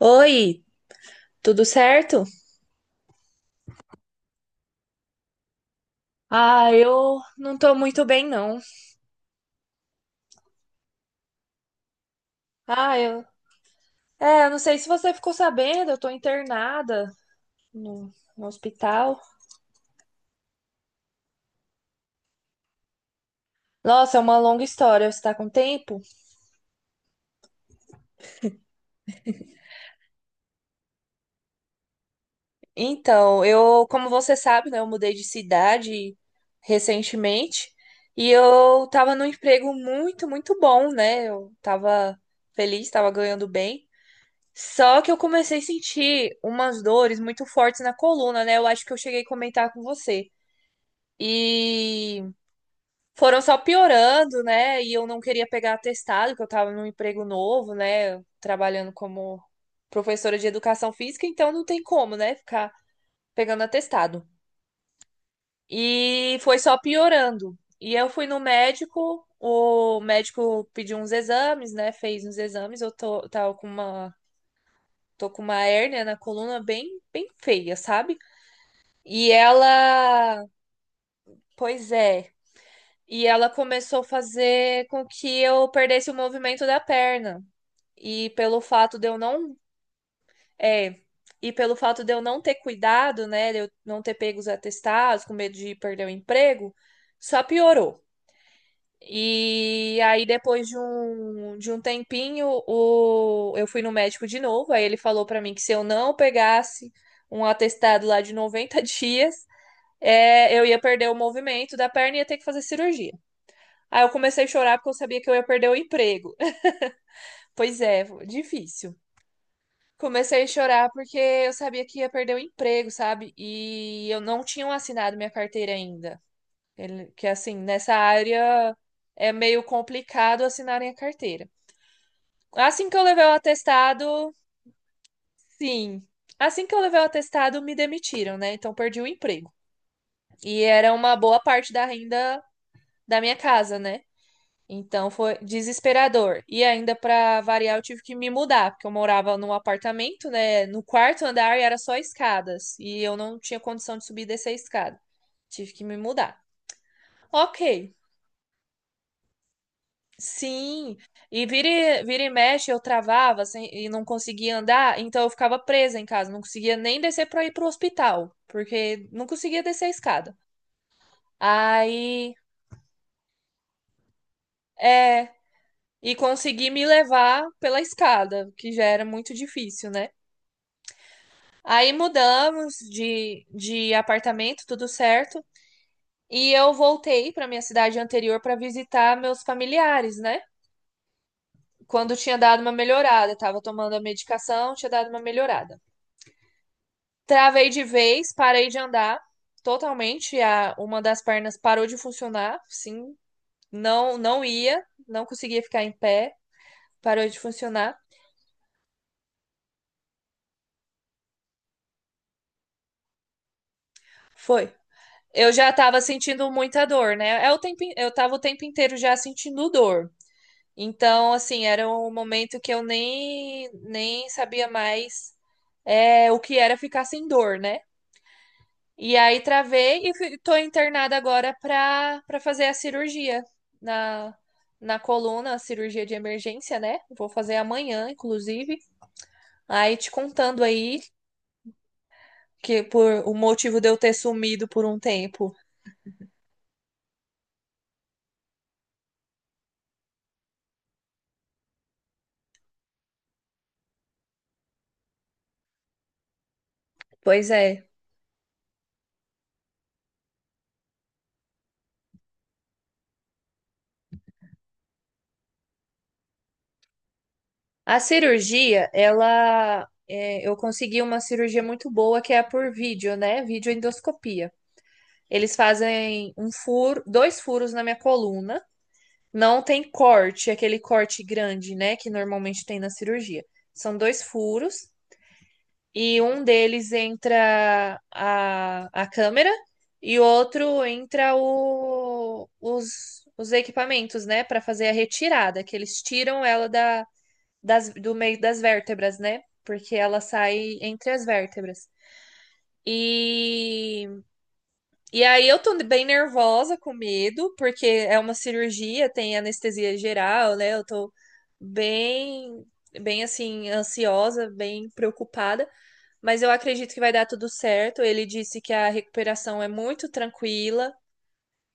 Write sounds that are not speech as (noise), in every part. Oi, tudo certo? Ah, eu não tô muito bem, não. Ah, eu. É, eu não sei se você ficou sabendo, eu tô internada no, no hospital. Nossa, é uma longa história, você tá com tempo? Então, eu, como você sabe, né, eu mudei de cidade recentemente e eu tava num emprego muito bom, né? Eu tava feliz, tava ganhando bem. Só que eu comecei a sentir umas dores muito fortes na coluna, né? Eu acho que eu cheguei a comentar com você. E foram só piorando, né? E eu não queria pegar atestado, que eu tava num emprego novo, né? Trabalhando como professora de educação física, então não tem como, né? Ficar pegando atestado. E foi só piorando. E eu fui no médico, o médico pediu uns exames, né? Fez uns exames, tava com tô com uma hérnia na coluna bem feia, sabe? E ela, pois é. E ela começou a fazer com que eu perdesse o movimento da perna. E pelo fato de eu não, é, e pelo fato de eu não ter cuidado, né, de eu não ter pego os atestados, com medo de perder o emprego, só piorou. E aí depois de de um tempinho, eu fui no médico de novo, aí ele falou pra mim que se eu não pegasse um atestado lá de 90 (laughs) dias, é, eu ia perder o movimento da perna e ia ter que fazer cirurgia. Aí eu comecei a chorar porque eu sabia que eu ia perder o emprego. (laughs) Pois é, difícil. Comecei a chorar porque eu sabia que ia perder o emprego, sabe? E eu não tinha assinado minha carteira ainda. Que assim, nessa área é meio complicado assinarem a carteira. Assim que eu levei o atestado, sim. Assim que eu levei o atestado, me demitiram, né? Então perdi o emprego. E era uma boa parte da renda da minha casa, né? Então foi desesperador. E ainda para variar, eu tive que me mudar, porque eu morava num apartamento, né, no quarto andar e era só escadas, e eu não tinha condição de subir e descer a escada. Tive que me mudar. OK. Sim. E vira e mexe eu travava assim, e não conseguia andar, então eu ficava presa em casa, não conseguia nem descer para ir pro hospital, porque não conseguia descer a escada. Aí, é, e consegui me levar pela escada, que já era muito difícil, né? Aí mudamos de apartamento, tudo certo. E eu voltei para minha cidade anterior para visitar meus familiares, né? Quando tinha dado uma melhorada, tava tomando a medicação, tinha dado uma melhorada. Travei de vez, parei de andar totalmente, a uma das pernas parou de funcionar, sim, não ia, não conseguia ficar em pé, parou de funcionar. Foi. Eu já tava sentindo muita dor, né? Eu tava o tempo inteiro já sentindo dor. Então, assim, era um momento que eu nem sabia mais o que era ficar sem dor, né? E aí travei e tô internada agora pra fazer a cirurgia na, na coluna, a cirurgia de emergência, né? Vou fazer amanhã, inclusive. Aí te contando aí que por o motivo de eu ter sumido por um tempo. Pois é. A cirurgia, ela. É, eu consegui uma cirurgia muito boa que é a por vídeo, né? Videoendoscopia. Eles fazem dois furos na minha coluna. Não tem corte, aquele corte grande, né, que normalmente tem na cirurgia. São dois furos e um deles entra a câmera e outro entra os equipamentos, né, para fazer a retirada, que eles tiram ela do meio das vértebras, né, porque ela sai entre as vértebras. E E aí eu tô bem nervosa, com medo, porque é uma cirurgia, tem anestesia geral, né? Eu tô bem, bem assim, ansiosa, bem preocupada, mas eu acredito que vai dar tudo certo. Ele disse que a recuperação é muito tranquila,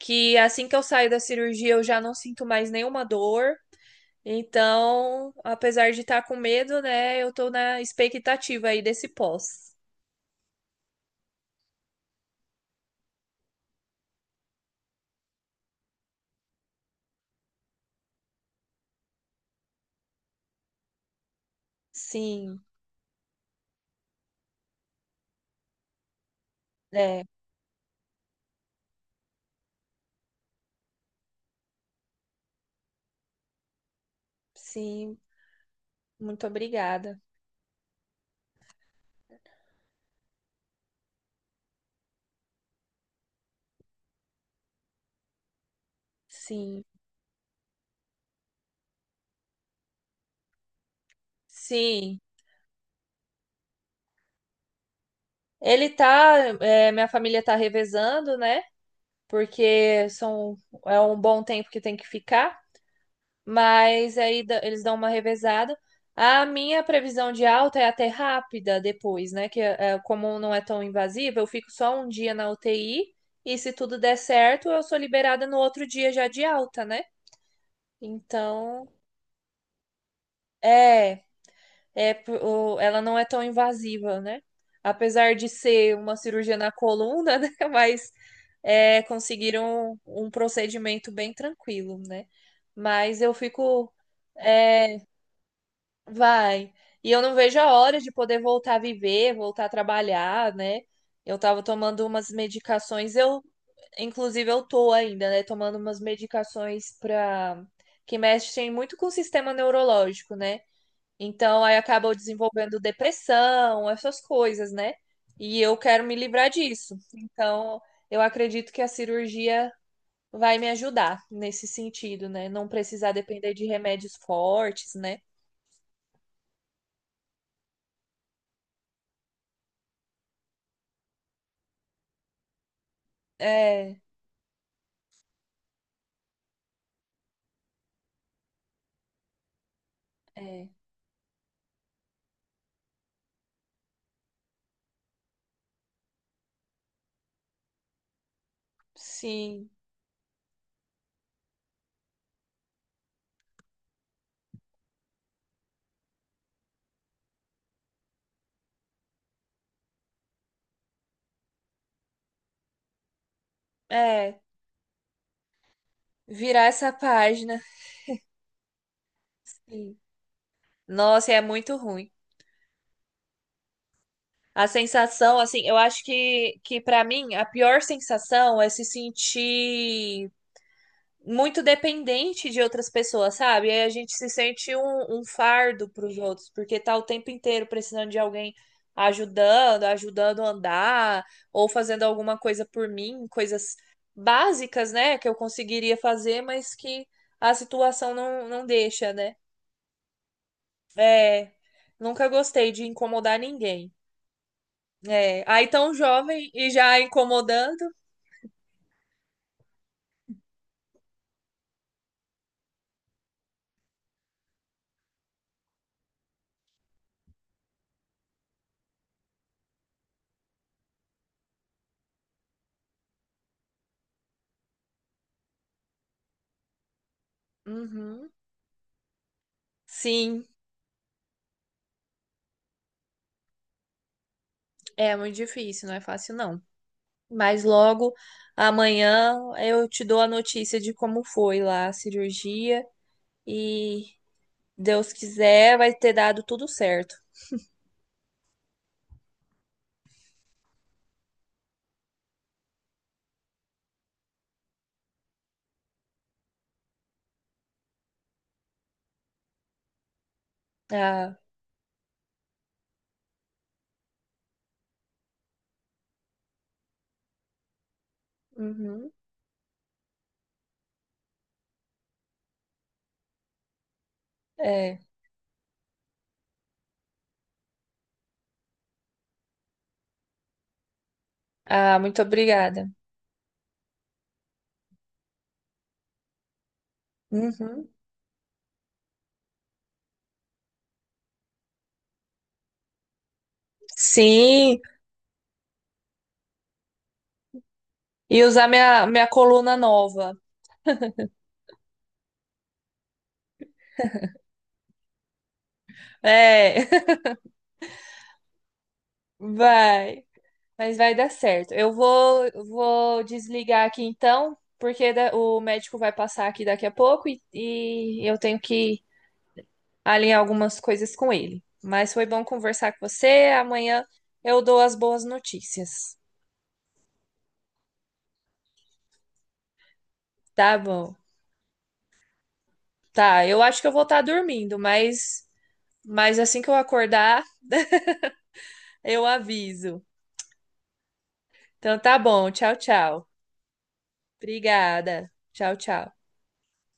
que assim que eu saio da cirurgia eu já não sinto mais nenhuma dor. Então, apesar de estar com medo, né, eu tô na expectativa aí desse pós. Sim, é, sim, muito obrigada. Sim. Sim, ele tá, é, minha família tá revezando, né? Porque são é um bom tempo que tem que ficar, mas aí eles dão uma revezada. A minha previsão de alta é até rápida depois, né? Que é, como não é tão invasiva, eu fico só um dia na UTI e se tudo der certo, eu sou liberada no outro dia já de alta, né? Então, é. É, ela não é tão invasiva, né? Apesar de ser uma cirurgia na coluna, (laughs) né? Mas é, conseguiram um procedimento bem tranquilo, né? Mas eu fico, é, vai. E eu não vejo a hora de poder voltar a viver, voltar a trabalhar, né? Eu tava tomando umas medicações, eu, inclusive, eu tô ainda, né? Tomando umas medicações para que mexem muito com o sistema neurológico, né? Então, aí acabam desenvolvendo depressão, essas coisas, né? E eu quero me livrar disso. Então, eu acredito que a cirurgia vai me ajudar nesse sentido, né? Não precisar depender de remédios fortes, né? É, é, sim, é. Virar essa página. Sim. Nossa, é muito ruim. A sensação, assim, eu acho que para mim, a pior sensação é se sentir muito dependente de outras pessoas, sabe? Aí a gente se sente um fardo para os outros, porque tá o tempo inteiro precisando de alguém ajudando, ajudando a andar, ou fazendo alguma coisa por mim, coisas básicas, né, que eu conseguiria fazer, mas que a situação não deixa, né? É, nunca gostei de incomodar ninguém. É, aí tão jovem e já incomodando, uhum. Sim, é muito difícil, não é fácil não. Mas logo amanhã eu te dou a notícia de como foi lá a cirurgia e Deus quiser vai ter dado tudo certo. Ah, uhum, é. Ah, muito obrigada. Uhum. Sim, e usar minha coluna nova. É, (laughs) vai. Mas vai dar certo. Vou desligar aqui então, porque o médico vai passar aqui daqui a pouco e eu tenho que alinhar algumas coisas com ele. Mas foi bom conversar com você. Amanhã eu dou as boas notícias. Tá bom. Tá, eu acho que eu vou estar dormindo, mas assim que eu acordar, eu aviso. Então tá bom. Tchau, tchau. Obrigada. Tchau, tchau.